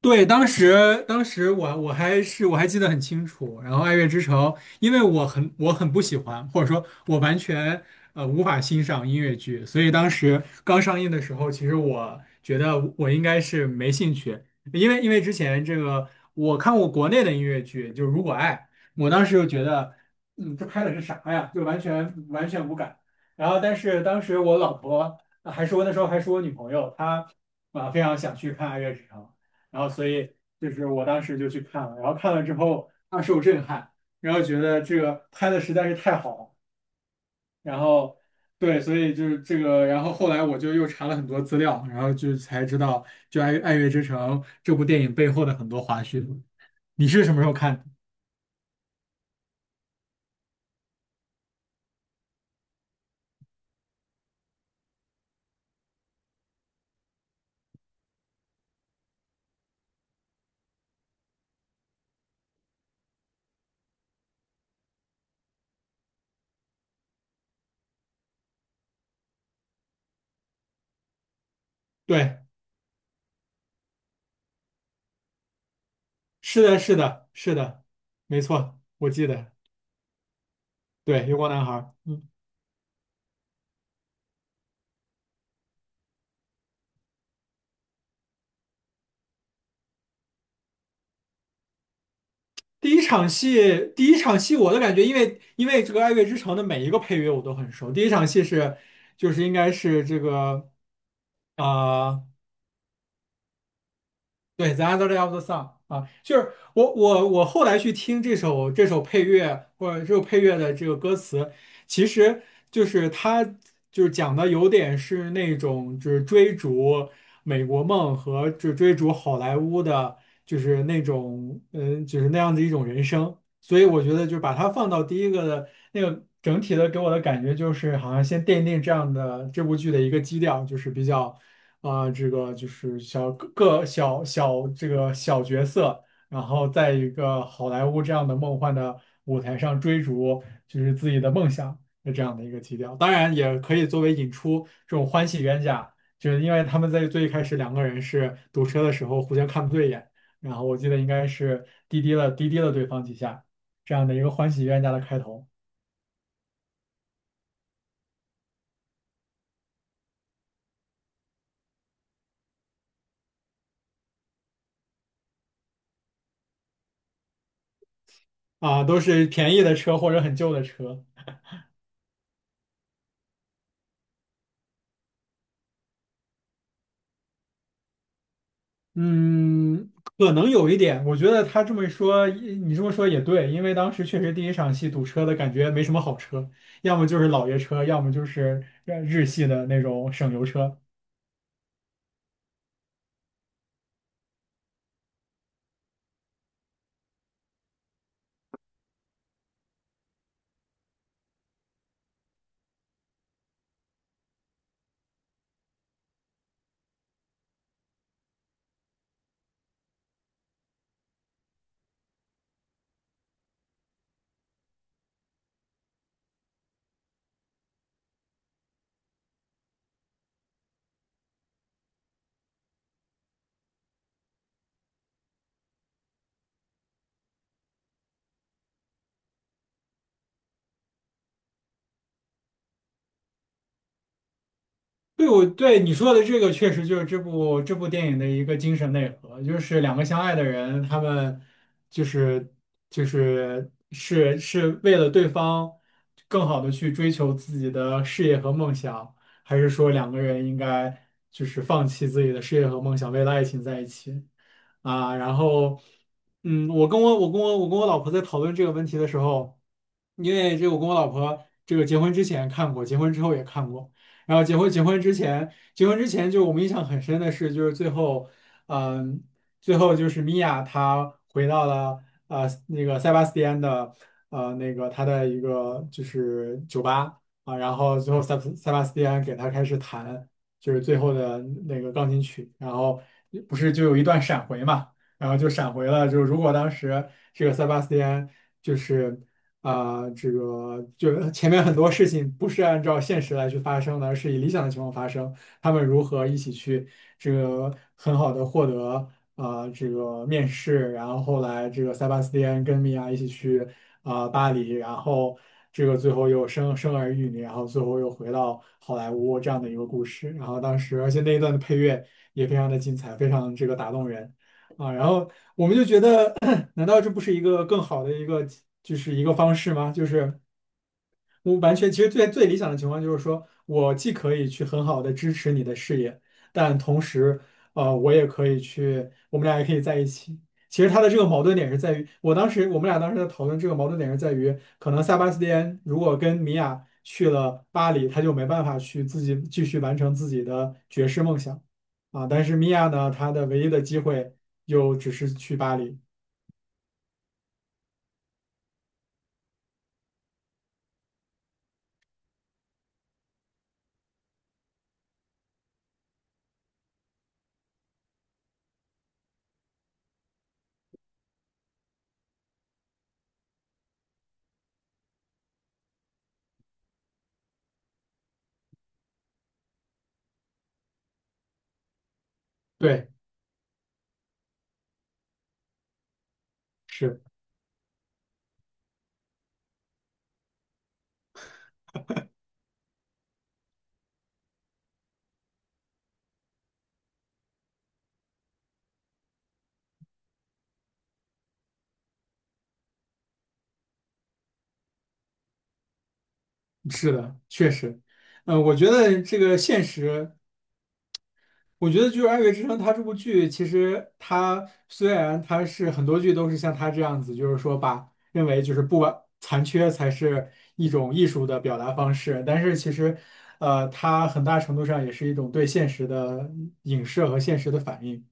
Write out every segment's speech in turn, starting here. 对，当时当时我我还是我还记得很清楚。然后《爱乐之城》，因为我很不喜欢，或者说我完全无法欣赏音乐剧，所以当时刚上映的时候，其实我觉得我应该是没兴趣，因为之前这个我看过国内的音乐剧，就是《如果爱》，我当时就觉得，嗯，这拍的是啥呀？就完全无感。然后但是当时我老婆还是我那时候还是我女朋友，她啊非常想去看《爱乐之城》。然后所以就是我当时就去看了，然后看了之后大受震撼，然后觉得这个拍的实在是太好了，然后对，所以就是这个，然后后来我就又查了很多资料，然后就才知道就爱乐之城》这部电影背后的很多花絮。你是什么时候看的？对，是的，是的，是的，没错，我记得，对，《月光男孩》。嗯。第一场戏，第一场戏我的感觉，因为这个《爱乐之城》的每一个配乐我都很熟。第一场戏是，就是应该是这个啊、呃对，The Other Day of the Sun 啊，就是我后来去听这首配乐或者这首配乐的这个歌词，其实就是它就是讲的有点是那种就是追逐美国梦和就追逐好莱坞的，就是那种嗯就是那样的一种人生，所以我觉得就把它放到第一个的那个整体的给我的感觉就是好像先奠定这样的这部剧的一个基调，就是比较。这个就是小这个小角色，然后在一个好莱坞这样的梦幻的舞台上追逐，就是自己的梦想的这样的一个基调。当然，也可以作为引出这种欢喜冤家，就是因为他们在最一开始两个人是堵车的时候互相看不对眼，然后我记得应该是滴滴了对方几下，这样的一个欢喜冤家的开头。都是便宜的车或者很旧的车。嗯，可能有一点，我觉得他这么一说，你这么说也对，因为当时确实第一场戏堵车的感觉没什么好车，要么就是老爷车，要么就是日系的那种省油车。对，我对你说的这个确实就是这部电影的一个精神内核，就是两个相爱的人，他们就是就是为了对方更好的去追求自己的事业和梦想，还是说两个人应该就是放弃自己的事业和梦想，为了爱情在一起啊？然后，嗯，我跟我老婆在讨论这个问题的时候，因为这个我跟我老婆这个结婚之前看过，结婚之后也看过。然后结婚之前就我们印象很深的是，就是最后，嗯，最后就是米娅她回到了那个塞巴斯蒂安的那个他的一个就是酒吧啊，然后最后塞巴斯蒂安给他开始弹就是最后的那个钢琴曲，然后不是就有一段闪回嘛，然后就闪回了，就如果当时这个塞巴斯蒂安。就是。啊，这个就前面很多事情不是按照现实来去发生的，而是以理想的情况发生。他们如何一起去这个很好的获得啊，这个面试，然后后来这个塞巴斯蒂安跟米娅一起去巴黎，然后这个最后又生生儿育女，然后最后又回到好莱坞这样的一个故事。然后当时而且那一段的配乐也非常的精彩，非常这个打动人。啊，然后我们就觉得，难道这不是一个更好的一个就是一个方式吗？就是我完全，其实最理想的情况就是说，我既可以去很好的支持你的事业，但同时，呃，我也可以去，我们俩也可以在一起。其实他的这个矛盾点是在于，我们俩当时在讨论这个矛盾点是在于，可能塞巴斯蒂安如果跟米娅去了巴黎，他就没办法去自己继续完成自己的爵士梦想啊。但是米娅呢，她的唯一的机会就只是去巴黎。对，是的。是的，确实，呃，我觉得这个现实，我觉得就是《爱乐之城》，它这部剧其实它虽然它是很多剧都是像它这样子，就是说把认为就是不完残缺才是一种艺术的表达方式，但是其实，呃，它很大程度上也是一种对现实的影射和现实的反应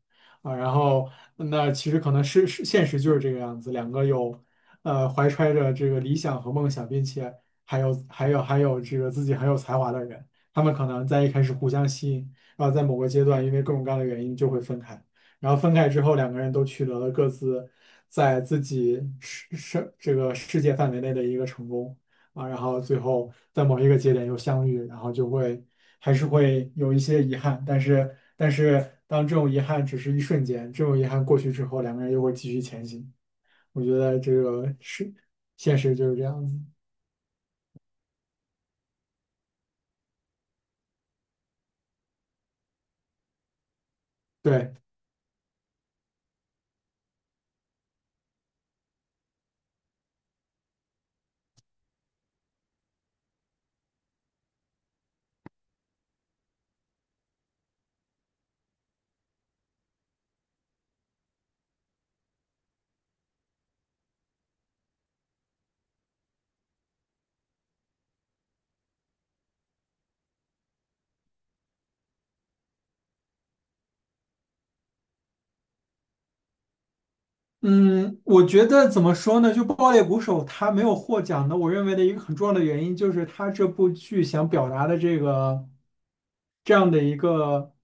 啊。然后那其实可能是现实就是这个样子，两个有怀揣着这个理想和梦想，并且还有这个自己很有才华的人，他们可能在一开始互相吸引。然后在某个阶段，因为各种各样的原因就会分开。然后分开之后，两个人都取得了各自在自己这个世界范围内的一个成功啊，然后最后在某一个节点又相遇，然后就会还是会有一些遗憾，但是当这种遗憾只是一瞬间，这种遗憾过去之后，两个人又会继续前行。我觉得这个是现实就是这样子，对。嗯，我觉得怎么说呢？就《爆裂鼓手》他没有获奖的，我认为的一个很重要的原因就是他这部剧想表达的这个这样的一个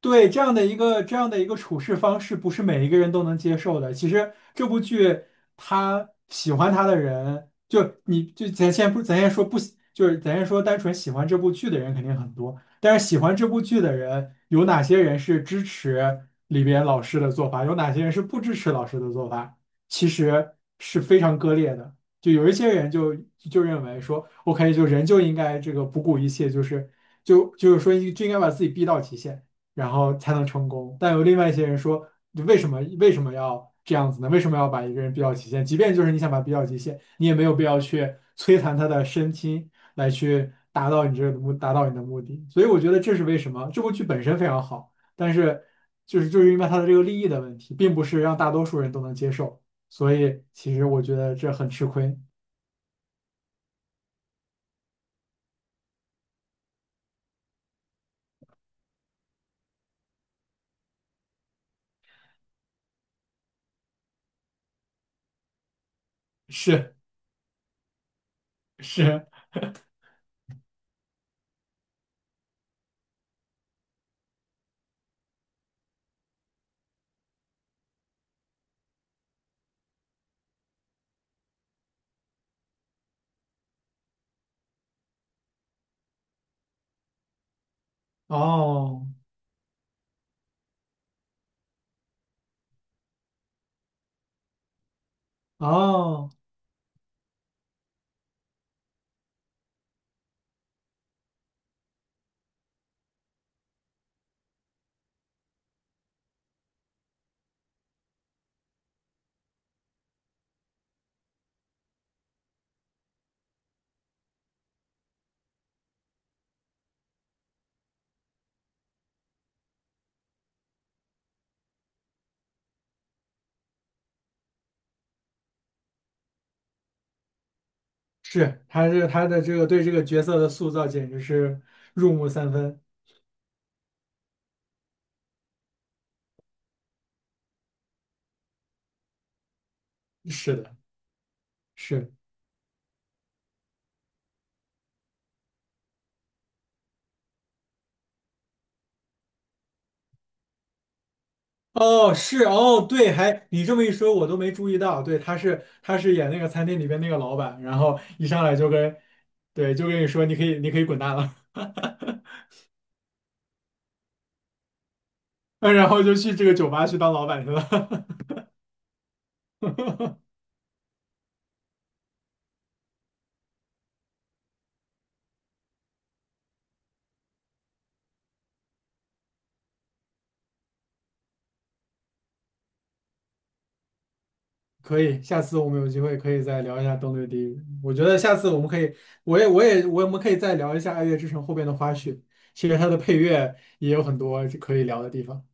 对这样的一个处事方式，不是每一个人都能接受的。其实这部剧他喜欢他的人，就你就咱先不咱先说不喜，就是咱先说单纯喜欢这部剧的人肯定很多，但是喜欢这部剧的人，有哪些人是支持里边老师的做法，有哪些人是不支持老师的做法，其实是非常割裂的。就有一些人认为说，OK，就人就应该这个不顾一切，就是说就应该把自己逼到极限，然后才能成功。但有另外一些人说，就为什么要这样子呢？为什么要把一个人逼到极限？即便就是你想把他逼到极限，你也没有必要去摧残他的身心。来去达到你这个目，达到你的目的。所以我觉得这是为什么这部剧本身非常好，但是就是因为它的这个利益的问题，并不是让大多数人都能接受，所以其实我觉得这很吃亏。是是，哦哦，是，他的这个对这个角色的塑造简直是入木三分。是的，是的哦，是哦，对，还你这么一说，我都没注意到。对，他是演那个餐厅里边那个老板，然后一上来就跟，对，就跟你说你可以滚蛋了，然后就去这个酒吧去当老板去了。可以，下次我们有机会可以再聊一下《登对地狱》。我觉得下次我们可以，我也我们可以再聊一下《爱乐之城》后边的花絮。其实它的配乐也有很多可以聊的地方。